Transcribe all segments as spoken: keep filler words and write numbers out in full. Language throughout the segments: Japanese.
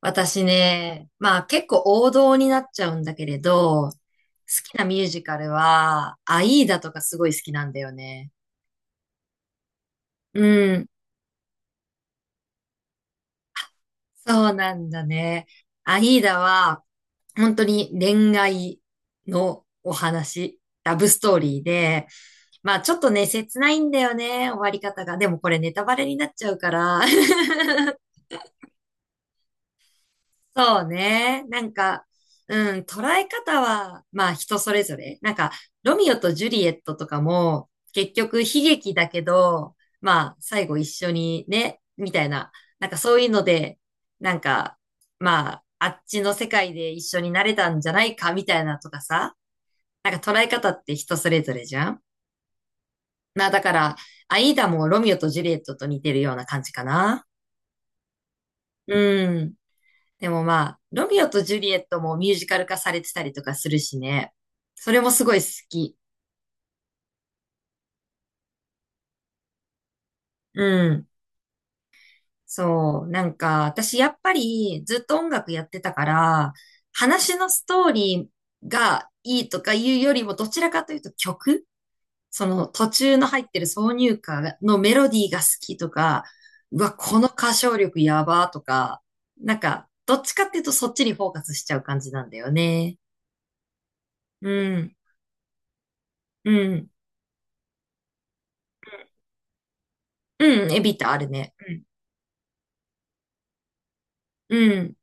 私ね、まあ結構王道になっちゃうんだけれど、好きなミュージカルは、アイーダとかすごい好きなんだよね。うん。そうなんだね。アイーダは、本当に恋愛のお話、ラブストーリーで、まあちょっとね、切ないんだよね、終わり方が。でもこれネタバレになっちゃうから。そうね。なんか、うん、捉え方は、まあ人それぞれ。なんか、ロミオとジュリエットとかも、結局悲劇だけど、まあ最後一緒にね、みたいな。なんかそういうので、なんか、まあ、あっちの世界で一緒になれたんじゃないか、みたいなとかさ。なんか捉え方って人それぞれじゃん。まあだから、アイーダもロミオとジュリエットと似てるような感じかな。うん。でもまあ、ロミオとジュリエットもミュージカル化されてたりとかするしね。それもすごい好き。うん。そう。なんか、私やっぱりずっと音楽やってたから、話のストーリーがいいとかいうよりも、どちらかというと曲、その途中の入ってる挿入歌のメロディーが好きとか、うわ、この歌唱力やばとか、なんか、どっちかっていうとそっちにフォーカスしちゃう感じなんだよね。うん。うん。うん、エビターあるね。うん、うん、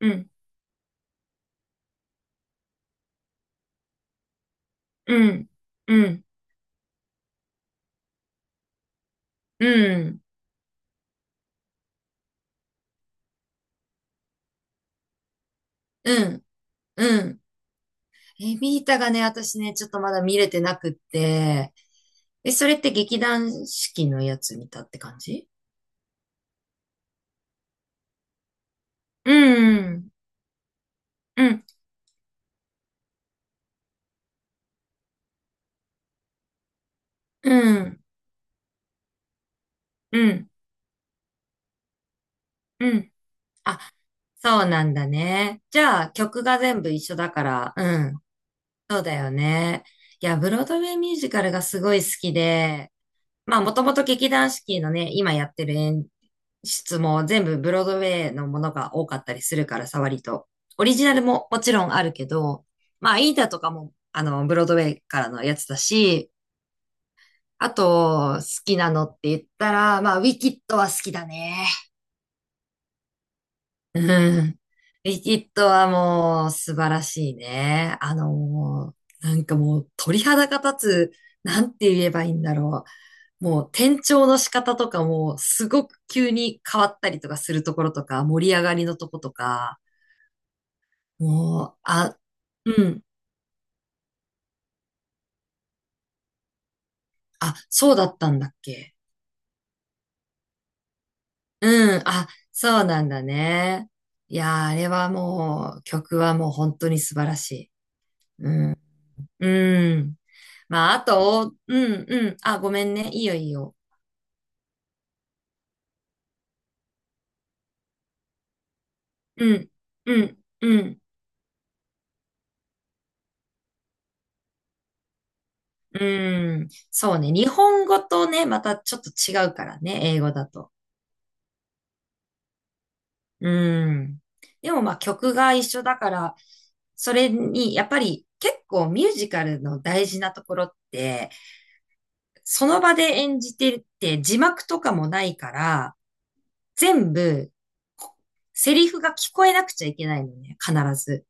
うん、うん、うん、うん、うん。エビータがね、私ね、ちょっとまだ見れてなくって、え、それって劇団四季のやつ見たって感じ？うん、うん、うん、うん、うん。あ、そうなんだね。じゃあ、曲が全部一緒だから、うん、そうだよね。いや、ブロードウェイミュージカルがすごい好きで、まあ、もともと劇団四季のね、今やってる演出も全部ブロードウェイのものが多かったりするからさ、割と。オリジナルももちろんあるけど、まあ、イータとかも、あの、ブロードウェイからのやつだし、あと、好きなのって言ったら、まあ、ウィキッドは好きだね。うん。ウィキッドはもう素晴らしいね。あの、なんかもう鳥肌が立つ、なんて言えばいいんだろう。もう転調の仕方とかもすごく急に変わったりとかするところとか、盛り上がりのとことか、もう、あ、うん、あ、そうだったんだっけ。うん、あ、そうなんだね。いやー、あれはもう、曲はもう本当に素晴らしい。うん、うん。まあ、あと、うん、うん、あ、ごめんね。いいよ、いいよ。うん、うん、うん、うん。そうね。日本語とね、またちょっと違うからね、英語だと。うん。でもまあ曲が一緒だから、それにやっぱり結構ミュージカルの大事なところって、その場で演じてって字幕とかもないから、全部こセリフが聞こえなくちゃいけないのね、必ず。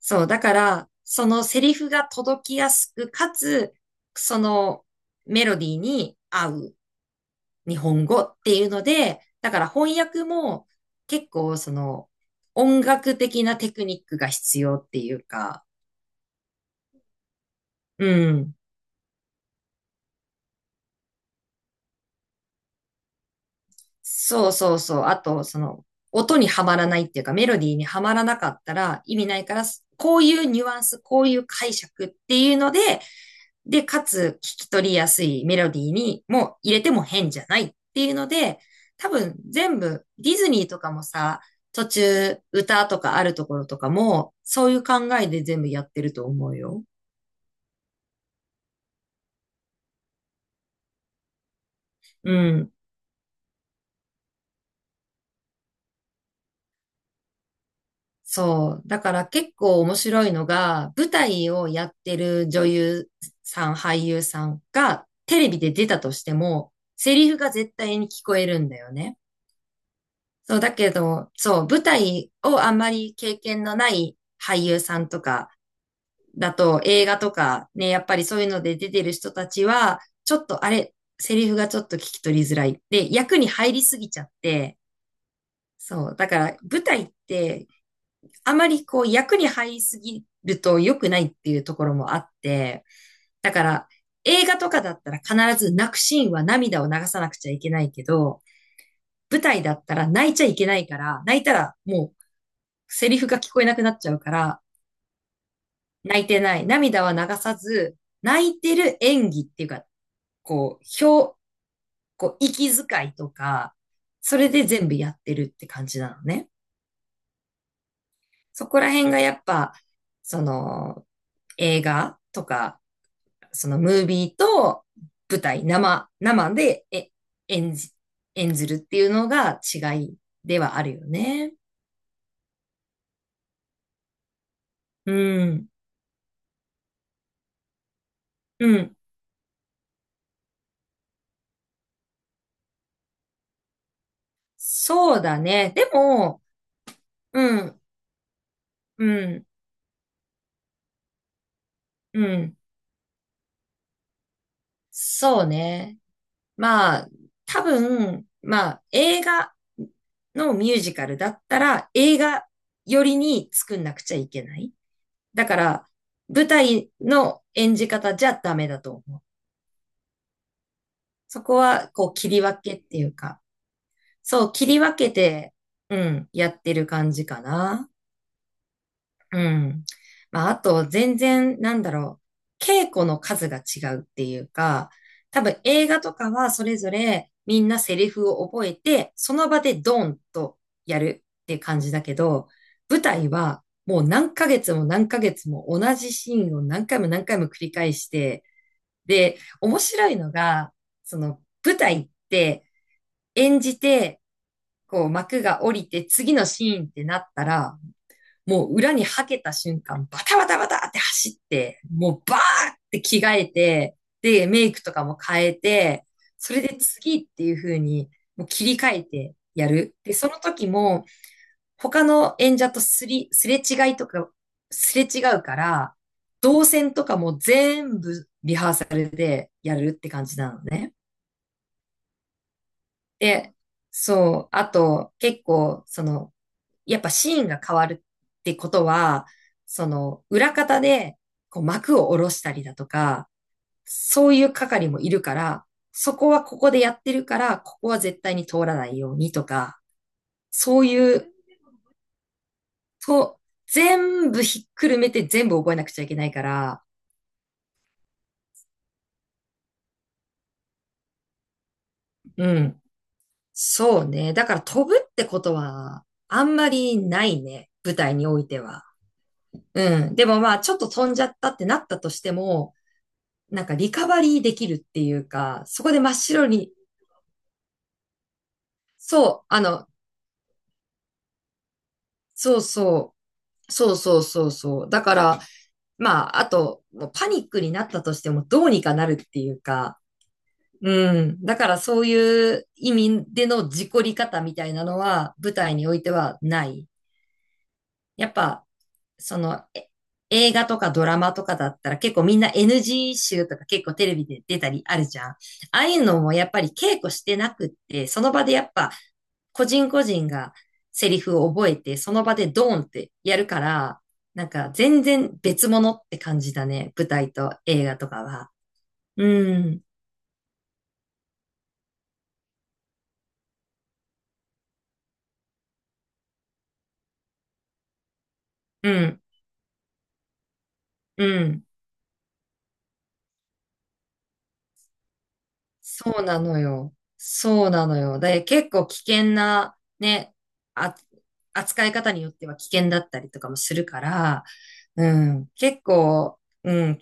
そう、だから、そのセリフが届きやすく、かつ、そのメロディーに合う日本語っていうので、だから翻訳も結構その音楽的なテクニックが必要っていうか、うん。そうそうそう。あと、その音にはまらないっていうか、メロディーにはまらなかったら意味ないから、こういうニュアンス、こういう解釈っていうので、で、かつ聞き取りやすいメロディーにも入れても変じゃないっていうので、多分全部ディズニーとかもさ、途中歌とかあるところとかも、そういう考えで全部やってると思うよ。うん。そう。だから結構面白いのが、舞台をやってる女優さん、俳優さんがテレビで出たとしても、セリフが絶対に聞こえるんだよね。そう、だけど、そう、舞台をあんまり経験のない俳優さんとかだと、映画とかね、やっぱりそういうので出てる人たちは、ちょっとあれ、セリフがちょっと聞き取りづらい。で、役に入りすぎちゃって、そう、だから舞台って、あまりこう役に入りすぎると良くないっていうところもあって、だから映画とかだったら必ず泣くシーンは涙を流さなくちゃいけないけど、舞台だったら泣いちゃいけないから、泣いたらもうセリフが聞こえなくなっちゃうから、泣いてない。涙は流さず、泣いてる演技っていうか、こう、表、こう、息遣いとか、それで全部やってるって感じなのね。そこら辺がやっぱ、その、映画とか、そのムービーと舞台、生、生でえ演じ、演ずるっていうのが違いではあるよね。うん。うん。そうだね。でも、うん、うん。うん。そうね。まあ、多分、まあ、映画のミュージカルだったら、映画よりに作んなくちゃいけない。だから、舞台の演じ方じゃダメだと思う。そこは、こう、切り分けっていうか、そう、切り分けて、うん、やってる感じかな。うん。まあ、あと、全然、なんだろう、稽古の数が違うっていうか、多分映画とかはそれぞれみんなセリフを覚えて、その場でドンとやるっていう感じだけど、舞台はもう何ヶ月も何ヶ月も同じシーンを何回も何回も繰り返して、で、面白いのが、その舞台って演じて、こう幕が降りて次のシーンってなったら、もう裏にはけた瞬間、バタバタバタって走って、もうバーって着替えて、で、メイクとかも変えて、それで次っていう風に、もう切り替えてやる。で、その時も、他の演者とすり、すれ違いとか、すれ違うから、動線とかも全部リハーサルでやるって感じなのね。で、そう、あと、結構、その、やっぱシーンが変わるってことは、その、裏方で、こう、幕を下ろしたりだとか、そういう係もいるから、そこはここでやってるから、ここは絶対に通らないようにとか、そういう、と、全部ひっくるめて全部覚えなくちゃいけないから、うん。そうね。だから飛ぶってことは、あんまりないね。舞台においては。うん。でもまあ、ちょっと飛んじゃったってなったとしても、なんかリカバリーできるっていうか、そこで真っ白に、そう、あの、そうそう、そうそうそうそう。だから、まあ、あと、もうパニックになったとしてもどうにかなるっていうか、うん。だからそういう意味での事故り方みたいなのは、舞台においてはない。やっぱ、その、え映画とかドラマとかだったら結構みんな エヌジー 集とか結構テレビで出たりあるじゃん。ああいうのもやっぱり稽古してなくって、その場でやっぱ個人個人がセリフを覚えて、その場でドーンってやるから、なんか全然別物って感じだね。舞台と映画とかは。うん、うん、うん。そうなのよ。そうなのよ。で、結構危険な、ね、あ、扱い方によっては危険だったりとかもするから、うん、結構、うん、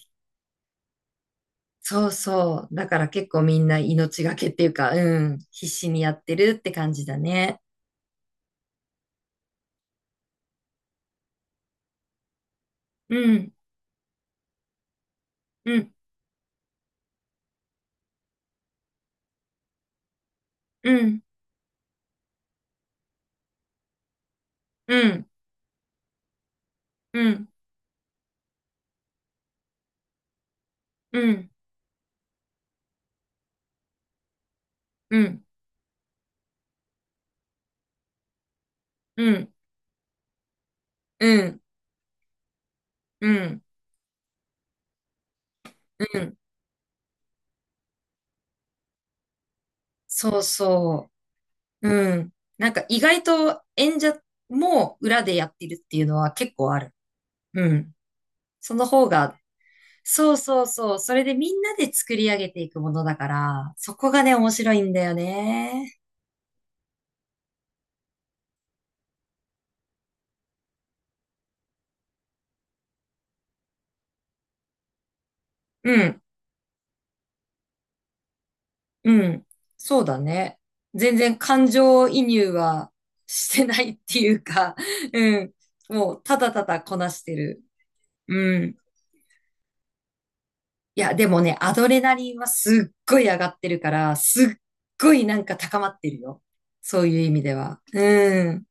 そうそう。だから結構みんな命がけっていうか、うん、必死にやってるって感じだね。うん、うん、うん、うん、うん、うん、うん、うん、うん、うん、うん、そうそう。うん。なんか意外と演者も裏でやってるっていうのは結構ある。うん。その方が、そうそうそう。それでみんなで作り上げていくものだから、そこがね、面白いんだよね。うん。うん。そうだね。全然感情移入はしてないっていうか、うん。もうただただこなしてる。うん。いや、でもね、アドレナリンはすっごい上がってるから、すっごいなんか高まってるよ。そういう意味では。うん。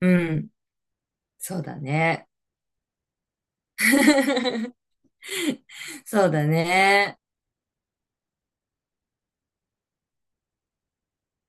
うん。そうだね。そうだね。